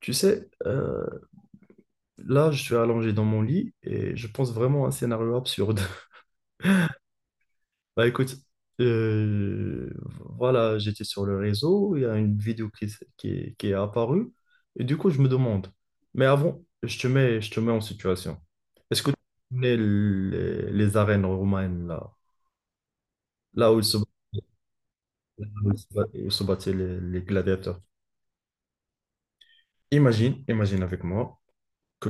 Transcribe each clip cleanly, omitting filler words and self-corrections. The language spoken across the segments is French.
Tu sais, là, je suis allongé dans mon lit et je pense vraiment à un scénario absurde. Bah écoute, euh, voilà, j'étais sur le réseau, il y a une vidéo qui est apparue et du coup, je me demande. Mais avant, je te mets en situation. Est-ce que tu connais les arènes romaines, là où se battaient les gladiateurs? Imagine avec moi. que-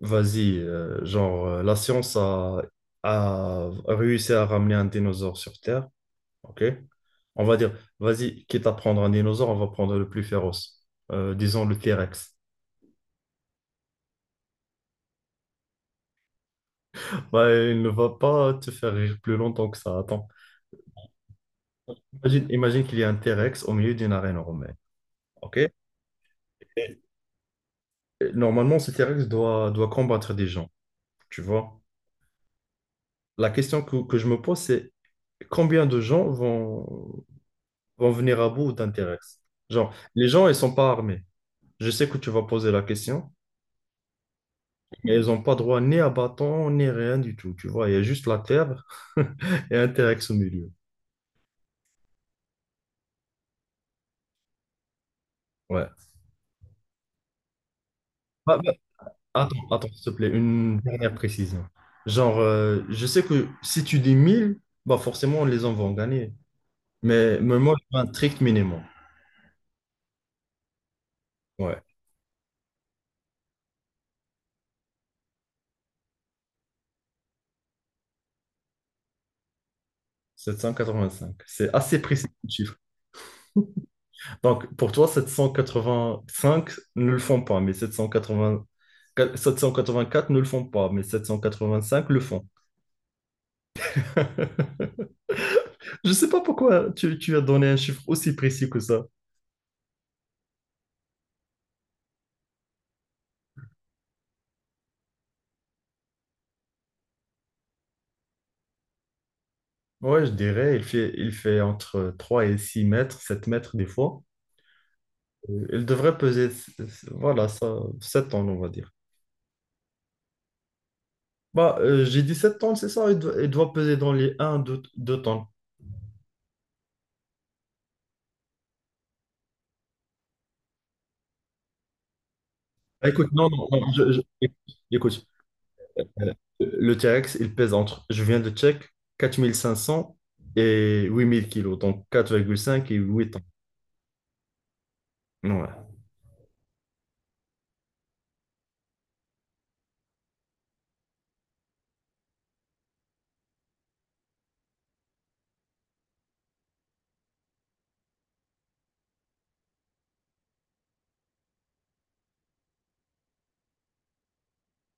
Vas-y, genre, la science a réussi à ramener un dinosaure sur Terre, ok? On va dire, vas-y, quitte à prendre un dinosaure, on va prendre le plus féroce. Disons le T-Rex. Bah, il ne va pas te faire rire plus longtemps que ça, attends. Imagine qu'il y a un T-Rex au milieu d'une arène romaine, ok? Et- et normalement, ce T-Rex doit combattre des gens, tu vois? La question que je me pose, c'est combien de gens vont venir à bout d'intéresse. Genre, les gens, ils sont pas armés. Je sais que tu vas poser la question, et ils n'ont pas droit ni à bâton, ni rien du tout. Tu vois, il y a juste la terre et Interex au milieu. Ouais. Bah, attends, s'il te plaît, une dernière précision. Genre, je sais que si tu dis 1000, bah forcément, les gens vont gagner. Mais moi, je fais un strict minimum. Ouais, 785. C'est assez précis, le chiffre. Donc, pour toi, 785 ne le font pas, mais 780 784 ne le font pas, mais 785 le font. Je sais pas pourquoi tu as donné un chiffre aussi précis que ça. Ouais, je dirais, il fait entre 3 et 6 mètres, 7 mètres des fois. Il devrait peser, voilà, ça, 7 tonnes, on va dire. Bah, j'ai dit 7 tonnes, c'est ça, il doit peser dans les 1, 2 tonnes. Ah, écoute, non, non, non, écoute. Le T-Rex, il pèse entre, je viens de check, 4 500 et 8 000 kilos, donc 4,5 et 8 ans. Ouais.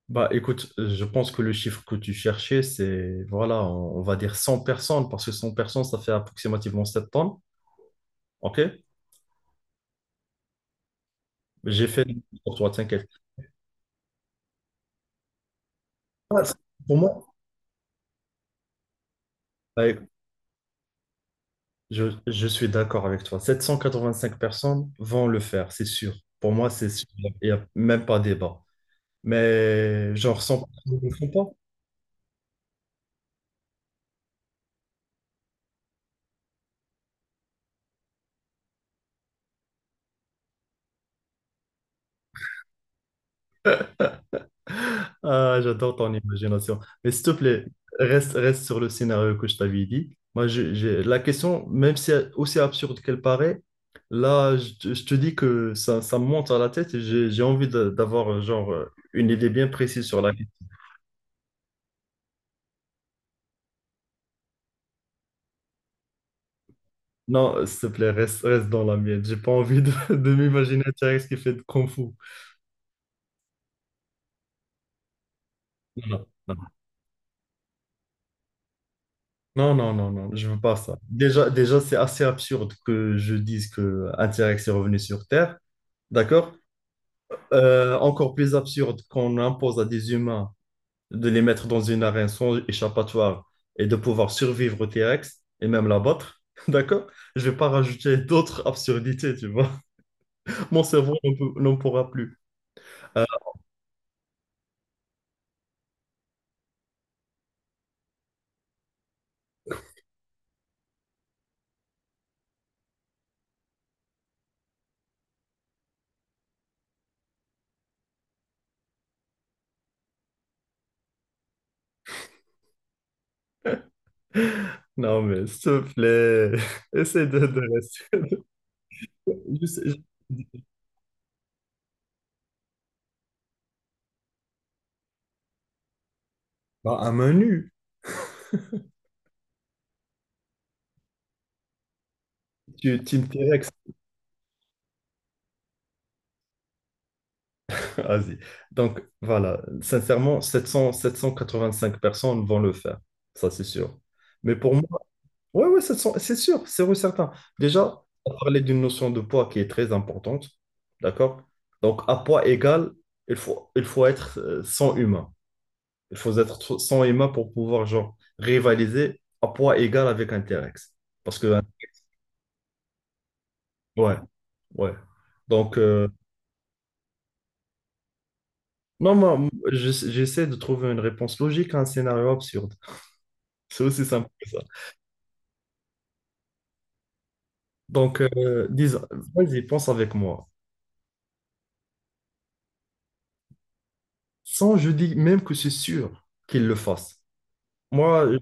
Bah écoute, je pense que le chiffre que tu cherchais, c'est, voilà, on va dire 100 personnes, parce que 100 personnes, ça fait approximativement 7 tonnes. OK? J'ai fait pour toi, t'inquiète. Ah, c'est- Pour moi, bah, écoute, je suis d'accord avec toi. 785 personnes vont le faire, c'est sûr. Pour moi, c'est sûr. Il n'y a même pas débat. Mais genre 100 personnes ne le font pas. Ah, j'adore ton imagination. Mais s'il te plaît, reste sur le scénario que je t'avais dit. Moi, la question, même si aussi absurde qu'elle paraît, là, je te dis que ça me monte à la tête et j'ai envie d'avoir genre une idée bien précise sur la question. Non, s'il te plaît, reste dans la mienne. J'ai pas envie de m'imaginer un T-Rex qui fait de Kung Fu. Non, non, non, non, non, non, je veux pas ça. Déjà c'est assez absurde que je dise qu'un T-Rex est revenu sur Terre. D'accord? Encore plus absurde qu'on impose à des humains de les mettre dans une arène sans échappatoire et de pouvoir survivre au T-Rex et même l'abattre, d'accord? Je vais pas rajouter d'autres absurdités, tu vois. Mon cerveau n'en pourra plus. Ah, non, mais s'il te plaît, essaie de rester. Je sais- je- Bah, un menu, tu Team T-Rex, vas-y. Donc voilà, sincèrement, 700, 785 personnes vont le faire, ça c'est sûr. Mais pour. Oui, oui, c'est sûr, c'est sûr, c'est certain. Déjà, on parlait d'une notion de poids qui est très importante, d'accord? Donc, à poids égal, il faut être 100 humains. Il faut être 100 humains pour pouvoir, genre, rivaliser à poids égal avec un T-Rex. Parce que, ouais, ouais. Donc, non, moi, j'essaie de trouver une réponse logique à un scénario absurde. C'est aussi simple que ça. Donc, disons, vas-y, pense avec moi. Sans, je dis même que c'est sûr qu'il le fasse. Moi, euh,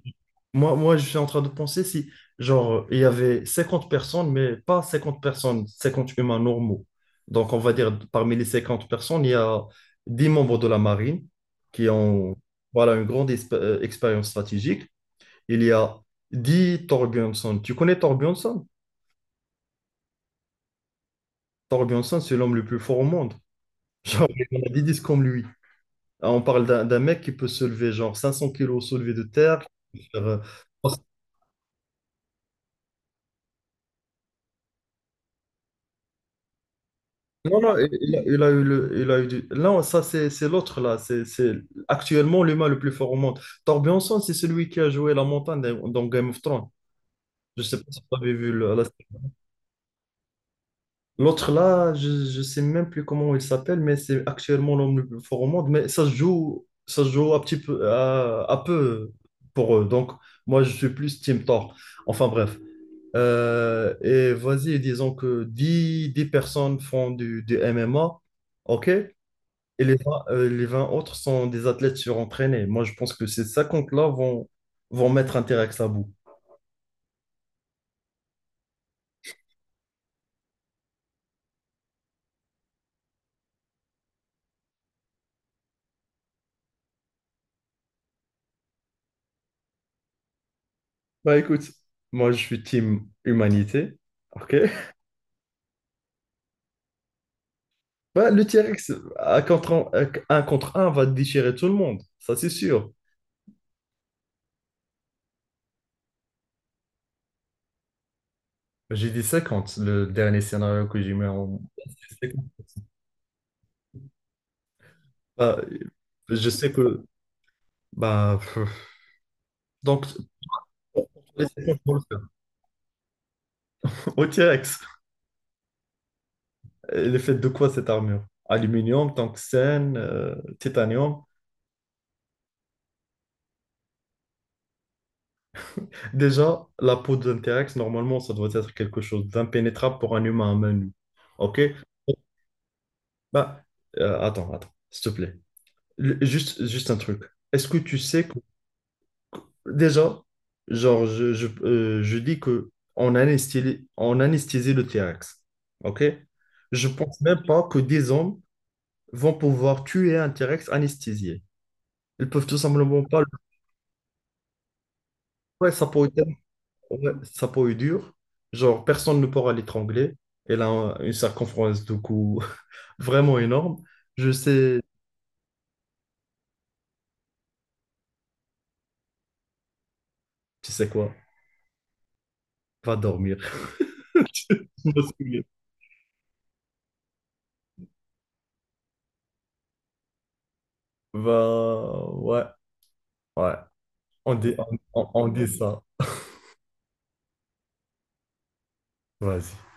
moi, je suis en train de penser si, genre, il y avait 50 personnes, mais pas 50 personnes, 50 humains normaux. Donc, on va dire, parmi les 50 personnes, il y a 10 membres de la marine qui ont, voilà, une grande expérience stratégique. Il y a 10 Thorbjörnson. Tu connais Thorbjörnson? Thorbjörnson, c'est l'homme le plus fort au monde. Genre, on a 10 disques comme lui. On parle d'un mec qui peut se lever, genre, 500 kilos soulevés de terre, qui peut faire, euh, non, non, il a eu du... Non, ça, c'est l'autre, là. C'est actuellement l'humain le plus fort au monde. Thor Bjornsson, c'est celui qui a joué la montagne dans Game of Thrones. Je sais pas si vous avez vu l'autre, là, je sais même plus comment il s'appelle, mais c'est actuellement l'homme le plus fort au monde. Mais ça se joue un petit peu, à peu pour eux. Donc, moi, je suis plus Team Thor. Enfin, bref. Et vas-y, disons que dix personnes font du MMA. OK? Et les 20 les 20 autres sont des athlètes surentraînés. Moi, je pense que ces 50 là vont mettre T-Rex à bout. Bah écoute, moi, je suis team humanité. Ok. Bah, le T-Rex, à contre un, à- un contre un, va déchirer tout le monde. Ça, c'est sûr. J'ai dit 50, le dernier scénario que j'ai mis en... C'est... Bah, je sais que... Bah, pff. Donc, pour les 50, on le fait. Au T-Rex, elle est faite de quoi cette armure? Aluminium, tungstène, titanium. Déjà, la peau d'un T-Rex, normalement, ça doit être quelque chose d'impénétrable pour un humain à main nue. OK? Bah, attends, s'il te plaît. Juste un truc. Est-ce que tu sais que, déjà, genre, je dis que on anesthésie le T-Rex. OK? Je pense même pas que des hommes vont pouvoir tuer un T-Rex anesthésié. Ils peuvent tout simplement pas le... Ouais, ça pourrait. Ouais, sa peau est dure, genre personne ne pourra l'étrangler. Elle a une circonférence de cou vraiment énorme. Je sais, tu sais quoi, va dormir. Je me souviens. Va, ouais, ouais, on dit ça. Vas-y.